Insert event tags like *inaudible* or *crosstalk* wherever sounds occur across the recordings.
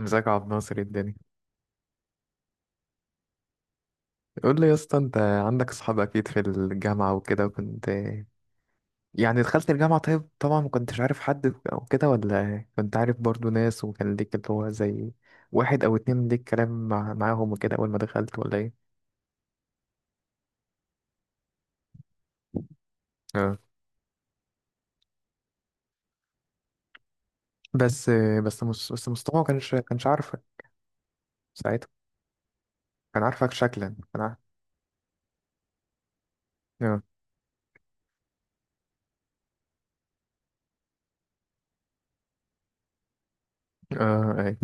ازيك يا عبد الناصر؟ ايه الدنيا؟ قول لي يا اسطى، انت عندك اصحاب اكيد في الجامعه وكده، وكنت يعني دخلت الجامعه. طيب طبعا ما كنتش عارف حد او كده، ولا كنت عارف برضو ناس وكان ليك اللي هو زي واحد او اتنين ليك كلام معاهم وكده اول ما دخلت، ولا ايه؟ اه. بس بس مصطفى ما كانش عارفك ساعتها، كان عارفك شكلا، كان عارف. اه، اه، اي.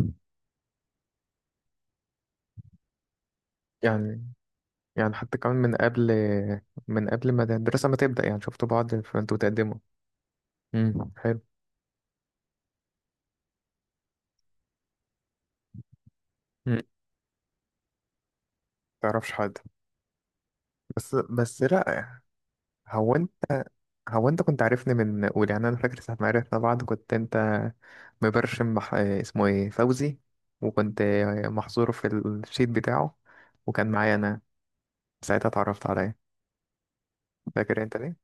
يعني يعني حتى كمان من قبل ما الدراسه ما تبدا، يعني شفتوا بعض فانتوا تقدموا. امم، حلو. تعرفش حد. بس لا يعني، هو انت هو انت كنت عارفني من اولى. يعني انا فاكر ساعة ما عرفنا بعض كنت انت مبرشم، اسمه ايه، فوزي، وكنت محظور في الشيت بتاعه، وكان معايا انا ساعتها، اتعرفت عليا. فاكر انت ليه؟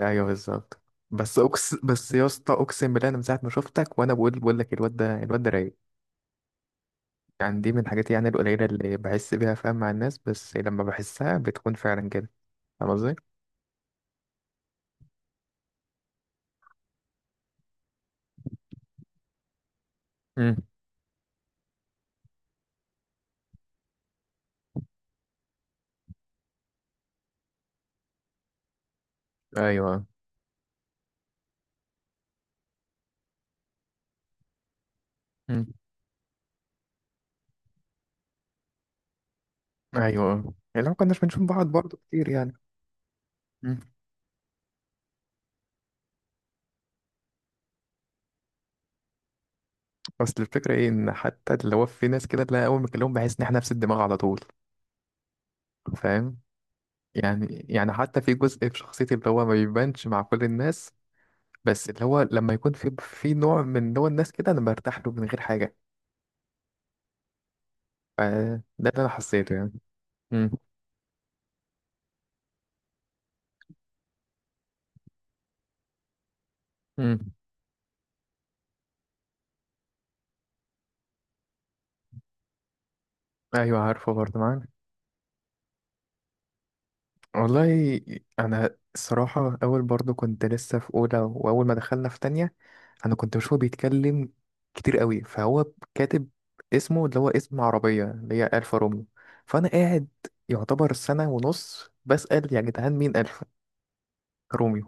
ايوه، بالظبط. بس يا اسطى، اقسم بالله، انا من ساعة ما شفتك وانا بقول لك الواد ده رايق. يعني دي من الحاجات يعني القليلة اللي بحس بيها، فاهم، مع الناس. بس لما بحسها بتكون فعلا كده. فاهم قصدي؟ امم، ايوه، ايوه. يعني لو كناش بنشوف بعض برضه كتير، يعني. مم. اصل الفكره ايه، ان حتى اللي هو في ناس كده تلاقي اول ما اكلمهم بحس ان احنا نفس الدماغ على طول. فاهم. يعني حتى في جزء في شخصيتي اللي هو ما بيبانش مع كل الناس. بس اللي هو لما يكون في نوع من نوع الناس كده، انا برتاح له من غير حاجه. فده اللي انا حسيته، يعني. امم. امم، ايوه، عارفه برضه معاك، والله. انا الصراحه اول، برضو كنت لسه في اولى، واول ما دخلنا في تانية انا كنت بشوفه بيتكلم كتير قوي. فهو كاتب اسمه، اللي هو اسم عربيه، اللي هي الفا روميو. فانا قاعد يعتبر سنه ونص بسال يا جدعان، مين الفا روميو؟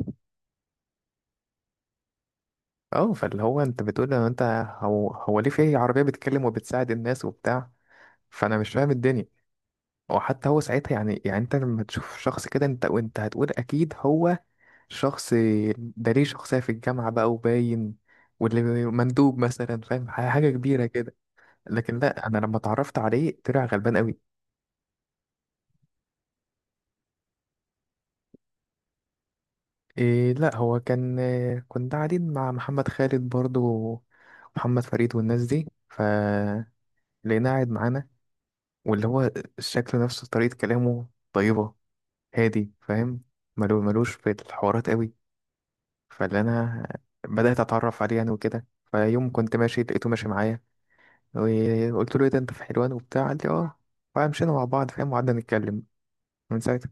اه. فاللي هو انت بتقول لو انت، هو ليه في عربيه بتتكلم وبتساعد الناس وبتاع؟ فانا مش فاهم الدنيا. وحتى هو ساعتها، يعني انت لما تشوف شخص كده، انت هتقول اكيد هو شخص ده، ليه شخصية في الجامعة بقى وباين، واللي مندوب مثلا، فاهم، حاجة كبيرة كده. لكن لا، أنا لما اتعرفت عليه طلع غلبان قوي. إيه، لا هو كان إيه، كنت قاعدين مع محمد خالد برضو، محمد فريد والناس دي، فلقيناه قاعد معانا. واللي هو الشكل نفسه، طريقة كلامه طيبة، هادي، فاهم، ملوش في الحوارات قوي. فاللي أنا بدأت أتعرف عليه يعني وكده. فيوم كنت ماشي لقيته ماشي معايا، وقلت له ايه ده، انت في حلوان وبتاع؟ قال لي اه. فمشينا مع بعض، فاهم، وقعدنا نتكلم من ساعتها.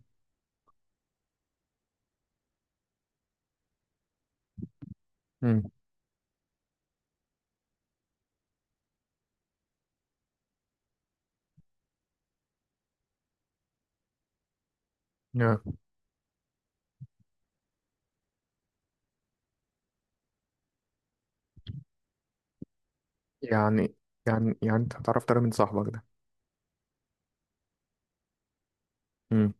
امم. اه. يعني يعني انت هتعرف ترى من صاحبك ده. امم.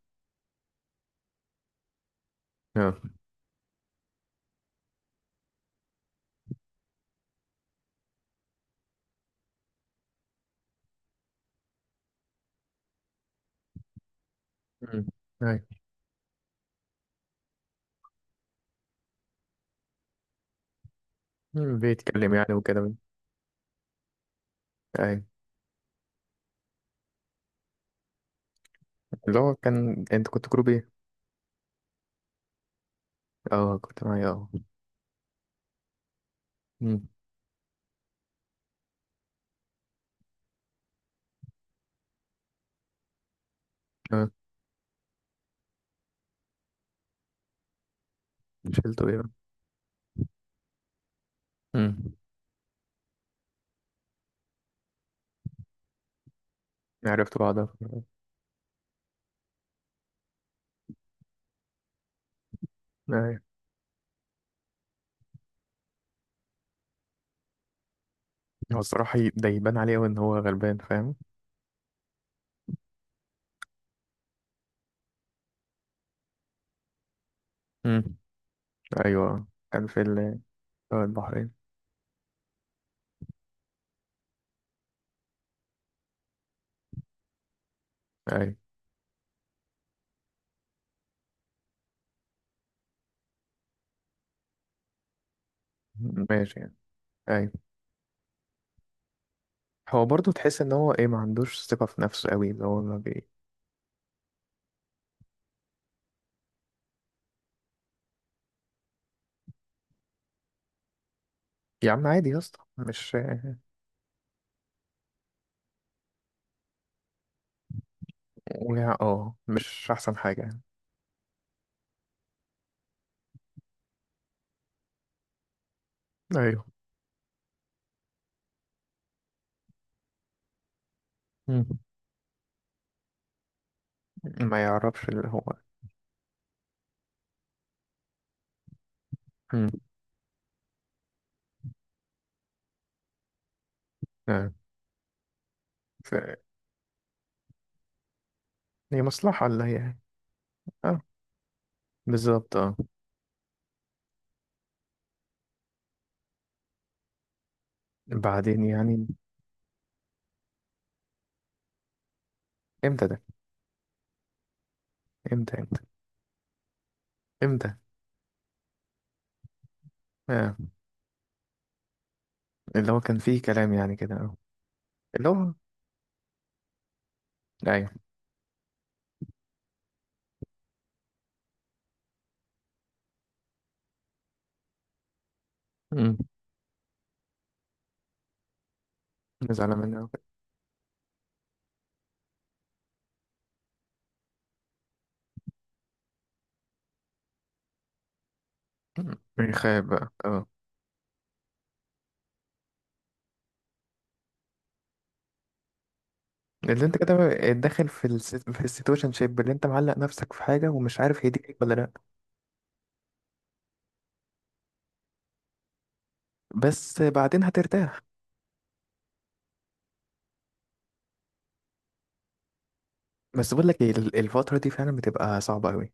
اه. امم، ايوه. مم، بيتكلم يعني وكده. اي. اللي هو كان انت كنت جروب ايه؟ اه، كنت معايا اه. امم. اه. شلته ايه بقى؟ امم. عرفت بعضها. اي. هو الصراحة، ده يبان عليه أوي ان هو غلبان، فاهم. امم، ايوه. كان في في البحرين. اي، ماشي يعني. اي. هو برضه تحس ان هو ايه، ما عندوش ثقة في نفسه قوي، اللي هو ما بي... يا عم عادي يا اسطى، مش. اه مش احسن حاجة يعني. ايوه. مم. ما يعرفش اللي هو. مم. آه. ف... هي مصلحة اللي هي يعني. اه، بالظبط، اه. بعدين يعني. امتى ده؟ امتى؟ امتى؟ امتى؟ آه. اللي هو كان فيه كلام يعني كده، اه. اللي هو. ايوه. مم. زعلان منه أوي. مم. يخاف بقى، اه. اللي انت كده داخل في في السيتويشن شيب، اللي انت معلق نفسك في حاجه ومش عارف هي دي ليك ولا لا. بس بعدين هترتاح. بس بقول لك ايه، الفتره دي فعلا بتبقى صعبه قوي.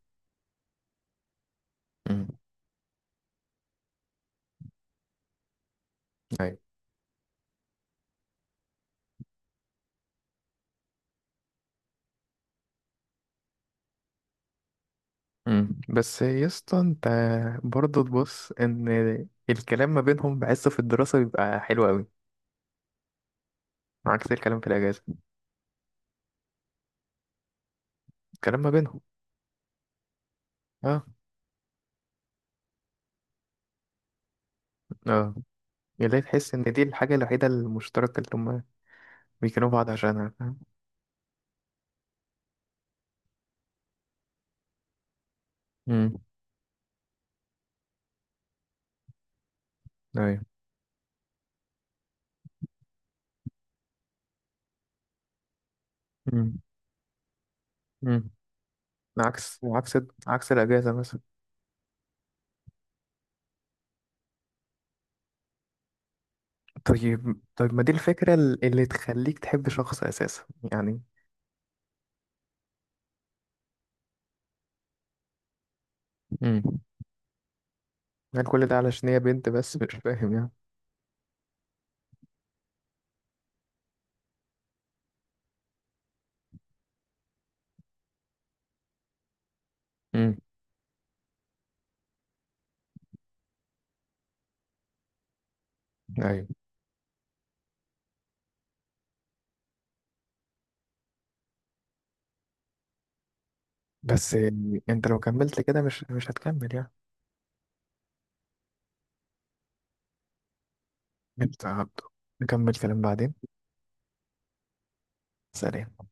امم، ايوه. امم. بس يا اسطى، انت برضه تبص ان الكلام ما بينهم بحسه في الدراسه بيبقى حلو قوي، عكس الكلام في الاجازه. الكلام ما بينهم. اه. اه. اللي تحس ان دي الحاجه الوحيده المشتركه اللي هم بيكونوا بعض عشانها، فاهم؟ امم، ايوه. امم. امم. عكس عكس عكس الأجازة مثلا. طيب، طيب، ما دي الفكرة، اللي تخليك تحب شخص أساسا. يعني. امم. يعني كل ده علشان هي بنت بس *laughs* مش فاهم يعني. امم، ايوه. بس انت لو كملت كده مش هتكمل يعني. انت عبده، نكمل كلام بعدين. سلام.